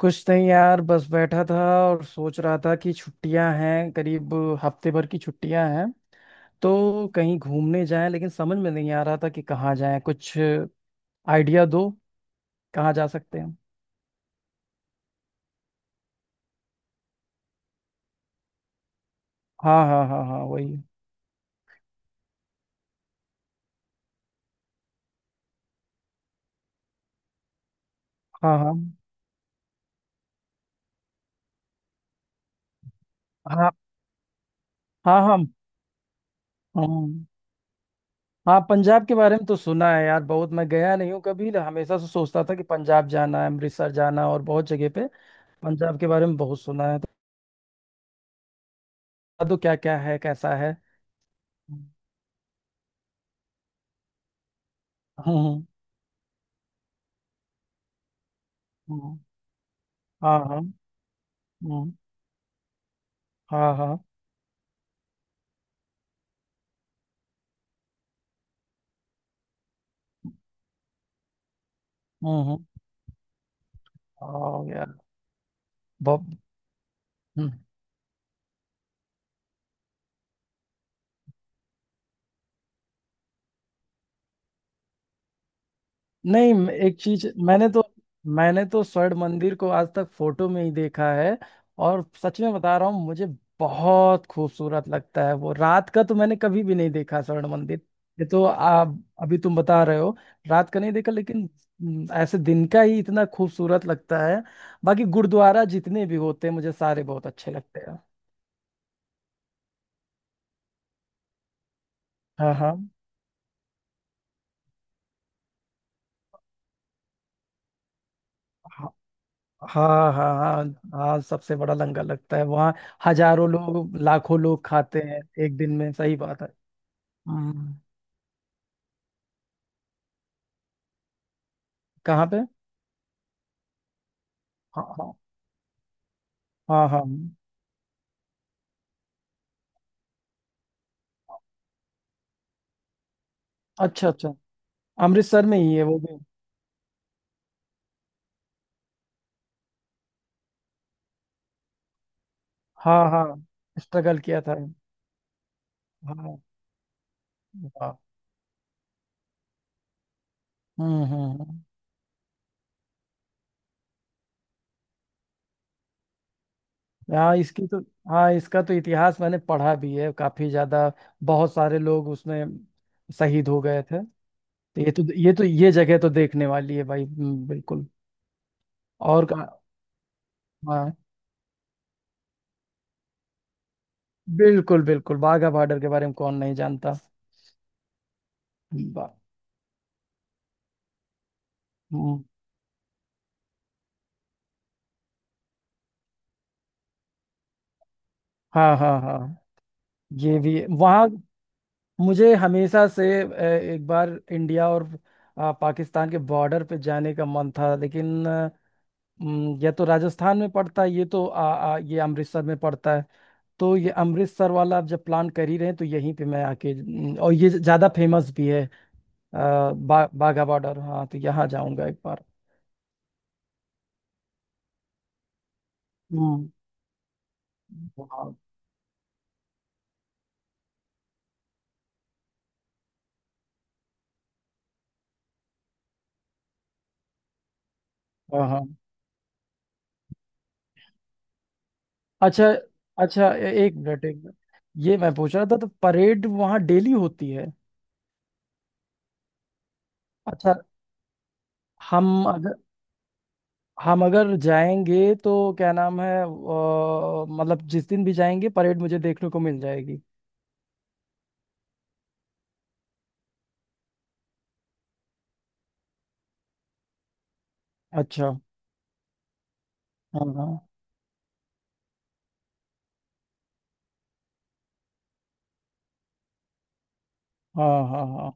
कुछ नहीं यार, बस बैठा था और सोच रहा था कि छुट्टियां हैं करीब। हफ्ते भर की छुट्टियां हैं तो कहीं घूमने जाएं, लेकिन समझ में नहीं आ रहा था कि कहाँ जाएं। कुछ आइडिया दो, कहाँ जा सकते हैं। हाँ, हाँ, हाँ, हाँ, वही। हाँ, हाँ, हाँ, हाँ, हाँ। हम। हाँ, पंजाब के बारे में तो सुना है यार बहुत। मैं गया नहीं हूँ कभी। हमेशा से सोचता था कि पंजाब जाना है, अमृतसर जाना और बहुत जगह पे। पंजाब के बारे में बहुत सुना है तो बता दो क्या क्या है, कैसा है। हम्म, हम्म, हम्म, हम्म। हाँ, हाँ। हम्म। हाँ, हाँ। हम्म, हम्म। हाँ यार, बहुत। हम्म। नहीं, एक चीज, मैंने तो स्वर्ण मंदिर को आज तक फोटो में ही देखा है। और सच में बता रहा हूँ, मुझे बहुत खूबसूरत लगता है वो। रात का तो मैंने कभी भी नहीं देखा स्वर्ण मंदिर। ये तो आप, अभी तुम बता रहे हो। रात का नहीं देखा लेकिन ऐसे दिन का ही इतना खूबसूरत लगता है। बाकी गुरुद्वारा जितने भी होते हैं मुझे सारे बहुत अच्छे लगते हैं। हाँ, हाँ, हाँ, हाँ, हाँ। हाँ, सबसे बड़ा लंगर लगता है वहाँ। हजारों लोग, लाखों लोग खाते हैं एक दिन में, सही बात है। हाँ। कहाँ पे? हाँ, हाँ, हाँ, हाँ, अच्छा, अच्छा। अमृतसर में ही है वो भी। हाँ, हाँ। स्ट्रगल किया था। हाँ, वाह। हम्म, हम्म, हाँ इसकी तो हाँ, इसका तो इतिहास मैंने पढ़ा भी है काफी ज्यादा। बहुत सारे लोग उसमें शहीद हो गए थे। तो ये जगह तो देखने वाली है भाई। बिल्कुल। और हाँ, बिल्कुल, बिल्कुल। वाघा बॉर्डर के बारे में कौन नहीं जानता। बा- हम्म, हाँ, हाँ, हाँ, ये भी है। वहाँ मुझे हमेशा से एक बार इंडिया और पाकिस्तान के बॉर्डर पे जाने का मन था, लेकिन या तो राजस्थान में पड़ता है ये, तो आ, आ, ये अमृतसर में पड़ता है। तो ये अमृतसर वाला, आप जब प्लान कर ही रहे हैं तो यहीं पे मैं आके। और ये ज़्यादा फेमस भी है। अ, बाघा बॉर्डर, हाँ, तो यहाँ जाऊंगा एक बार। हम्म, हाँ, हाँ, हाँ। अच्छा, अच्छा। एक मिनट, एक मिनट। ये मैं पूछ रहा था, तो परेड वहाँ डेली होती है? अच्छा। हम अगर हम अगर जाएंगे तो क्या नाम है, मतलब जिस दिन भी जाएंगे, परेड मुझे देखने को मिल जाएगी। अच्छा, हाँ, हाँ, हाँ, हाँ, हाँ,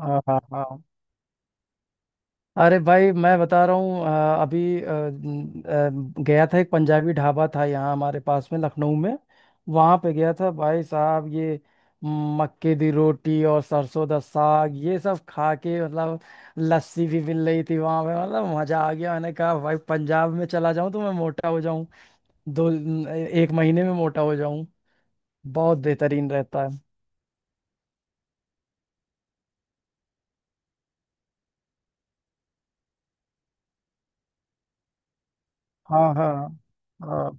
हाँ, हाँ, हाँ। अरे भाई, मैं बता रहा हूँ अभी गया था, एक पंजाबी ढाबा था यहाँ हमारे पास में, लखनऊ में। वहाँ पे गया था भाई साहब, ये मक्के दी रोटी और सरसों दा साग, ये सब खा के मतलब लस्सी भी मिल रही थी वहाँ पे, मतलब मजा आ गया। मैंने कहा भाई, पंजाब में चला जाऊँ तो मैं मोटा हो जाऊँ। दो न- एक महीने में मोटा हो जाऊँ। बहुत बेहतरीन रहता है। हाँ, हाँ, हाँ,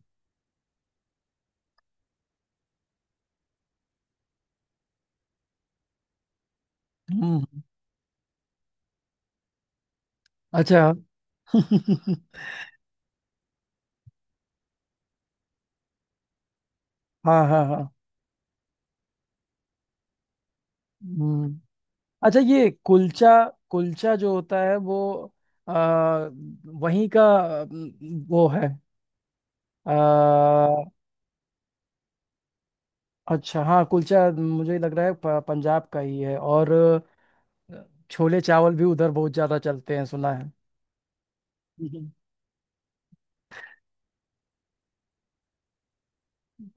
हम्म, अच्छा। हाँ, हाँ, हाँ, हम्म, अच्छा। ये कुलचा, कुलचा जो होता है वो, आ, वहीं का। वो है आ, अच्छा, हाँ, कुलचा मुझे लग रहा है पंजाब का ही है। और छोले चावल भी उधर बहुत ज़्यादा चलते हैं, सुना है। हम्म।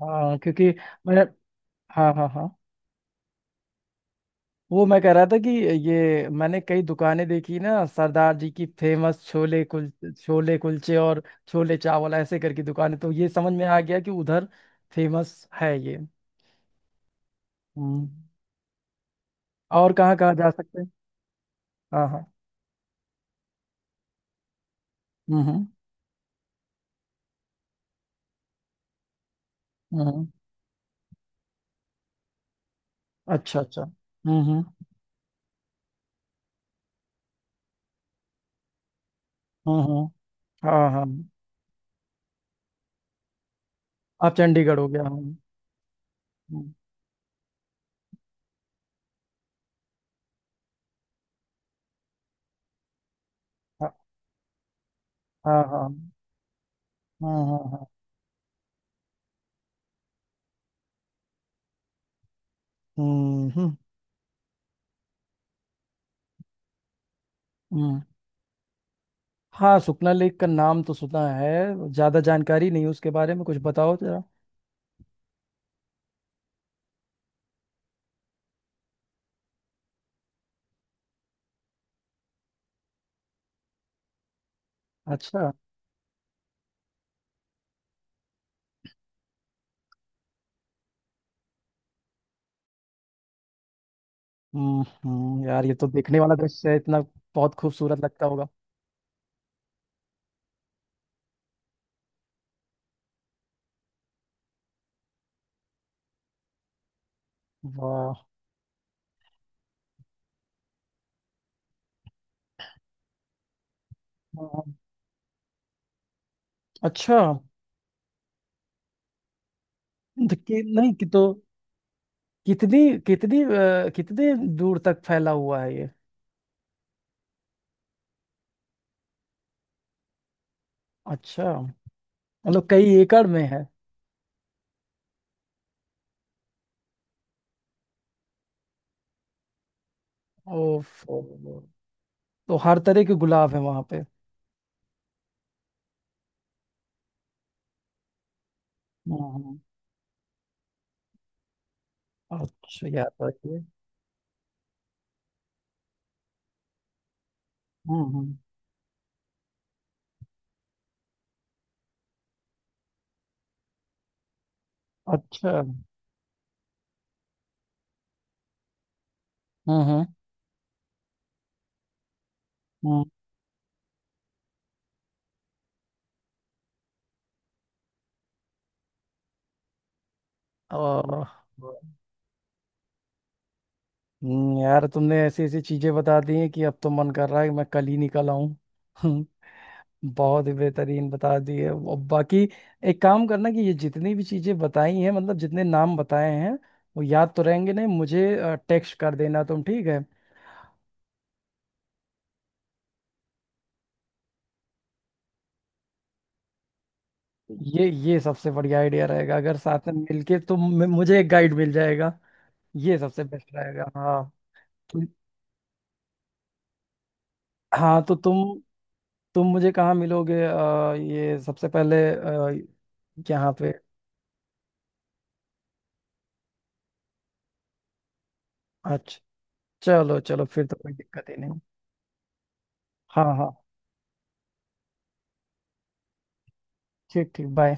हाँ, क्योंकि मैं, हाँ, हाँ, हाँ, वो मैं कह रहा था कि ये, मैंने कई दुकानें देखी ना, सरदार जी की फेमस छोले कुल छोले कुलचे और छोले चावल, ऐसे करके दुकानें तो ये समझ में आ गया कि उधर फेमस है ये। हम्म। और कहाँ कहाँ जा सकते हैं? हाँ, हाँ, हम्म, हम्म, हम्म, हम्म। अच्छा, अच्छा, हम्म, हम्म, हम्म, हाँ, हाँ। आप, चंडीगढ़ हो गया, हाँ, हाँ, हाँ, हाँ, हाँ, हाँ, हाँ, हम्म, हम्म, हम्म। हाँ, सुखना लेक का नाम तो सुना है, ज्यादा जानकारी नहीं उसके बारे में, कुछ बताओ जरा। अच्छा, हम्म, हम्म। यार, ये तो देखने वाला दृश्य है इतना, बहुत खूबसूरत लगता होगा। वाह। हाँ, अच्छा। तो कि, नहीं कि तो कितनी कितनी अ, कितने दूर तक फैला हुआ है ये? अच्छा, मतलब कई एकड़ में है। ओफ, ओहो। तो हर तरह के गुलाब है वहां पे। हम्म, अच्छा, याद रखिए। हम्म, अच्छा, हम्म, हम्म, हम्म। और यार तुमने ऐसी ऐसी चीजें बता दी हैं कि अब तो मन कर रहा है कि मैं कल ही निकल आऊं। बहुत ही बेहतरीन बता दी है। और बाकी, एक काम करना कि ये जितनी भी चीजें बताई हैं, मतलब जितने नाम बताए हैं, वो याद तो रहेंगे नहीं मुझे। टेक्स्ट कर देना तुम, ठीक है? ये सबसे बढ़िया आइडिया रहेगा, अगर साथ में मिलके तुम मुझे एक गाइड मिल जाएगा। ये सबसे बेस्ट रहेगा, हाँ। तुम हाँ, तो तुम मुझे कहाँ मिलोगे, ये सबसे पहले, यहाँ पे। अच्छा, चलो, चलो, फिर तो कोई दिक्कत ही नहीं। हाँ, हाँ, ठीक, ठीक, बाय।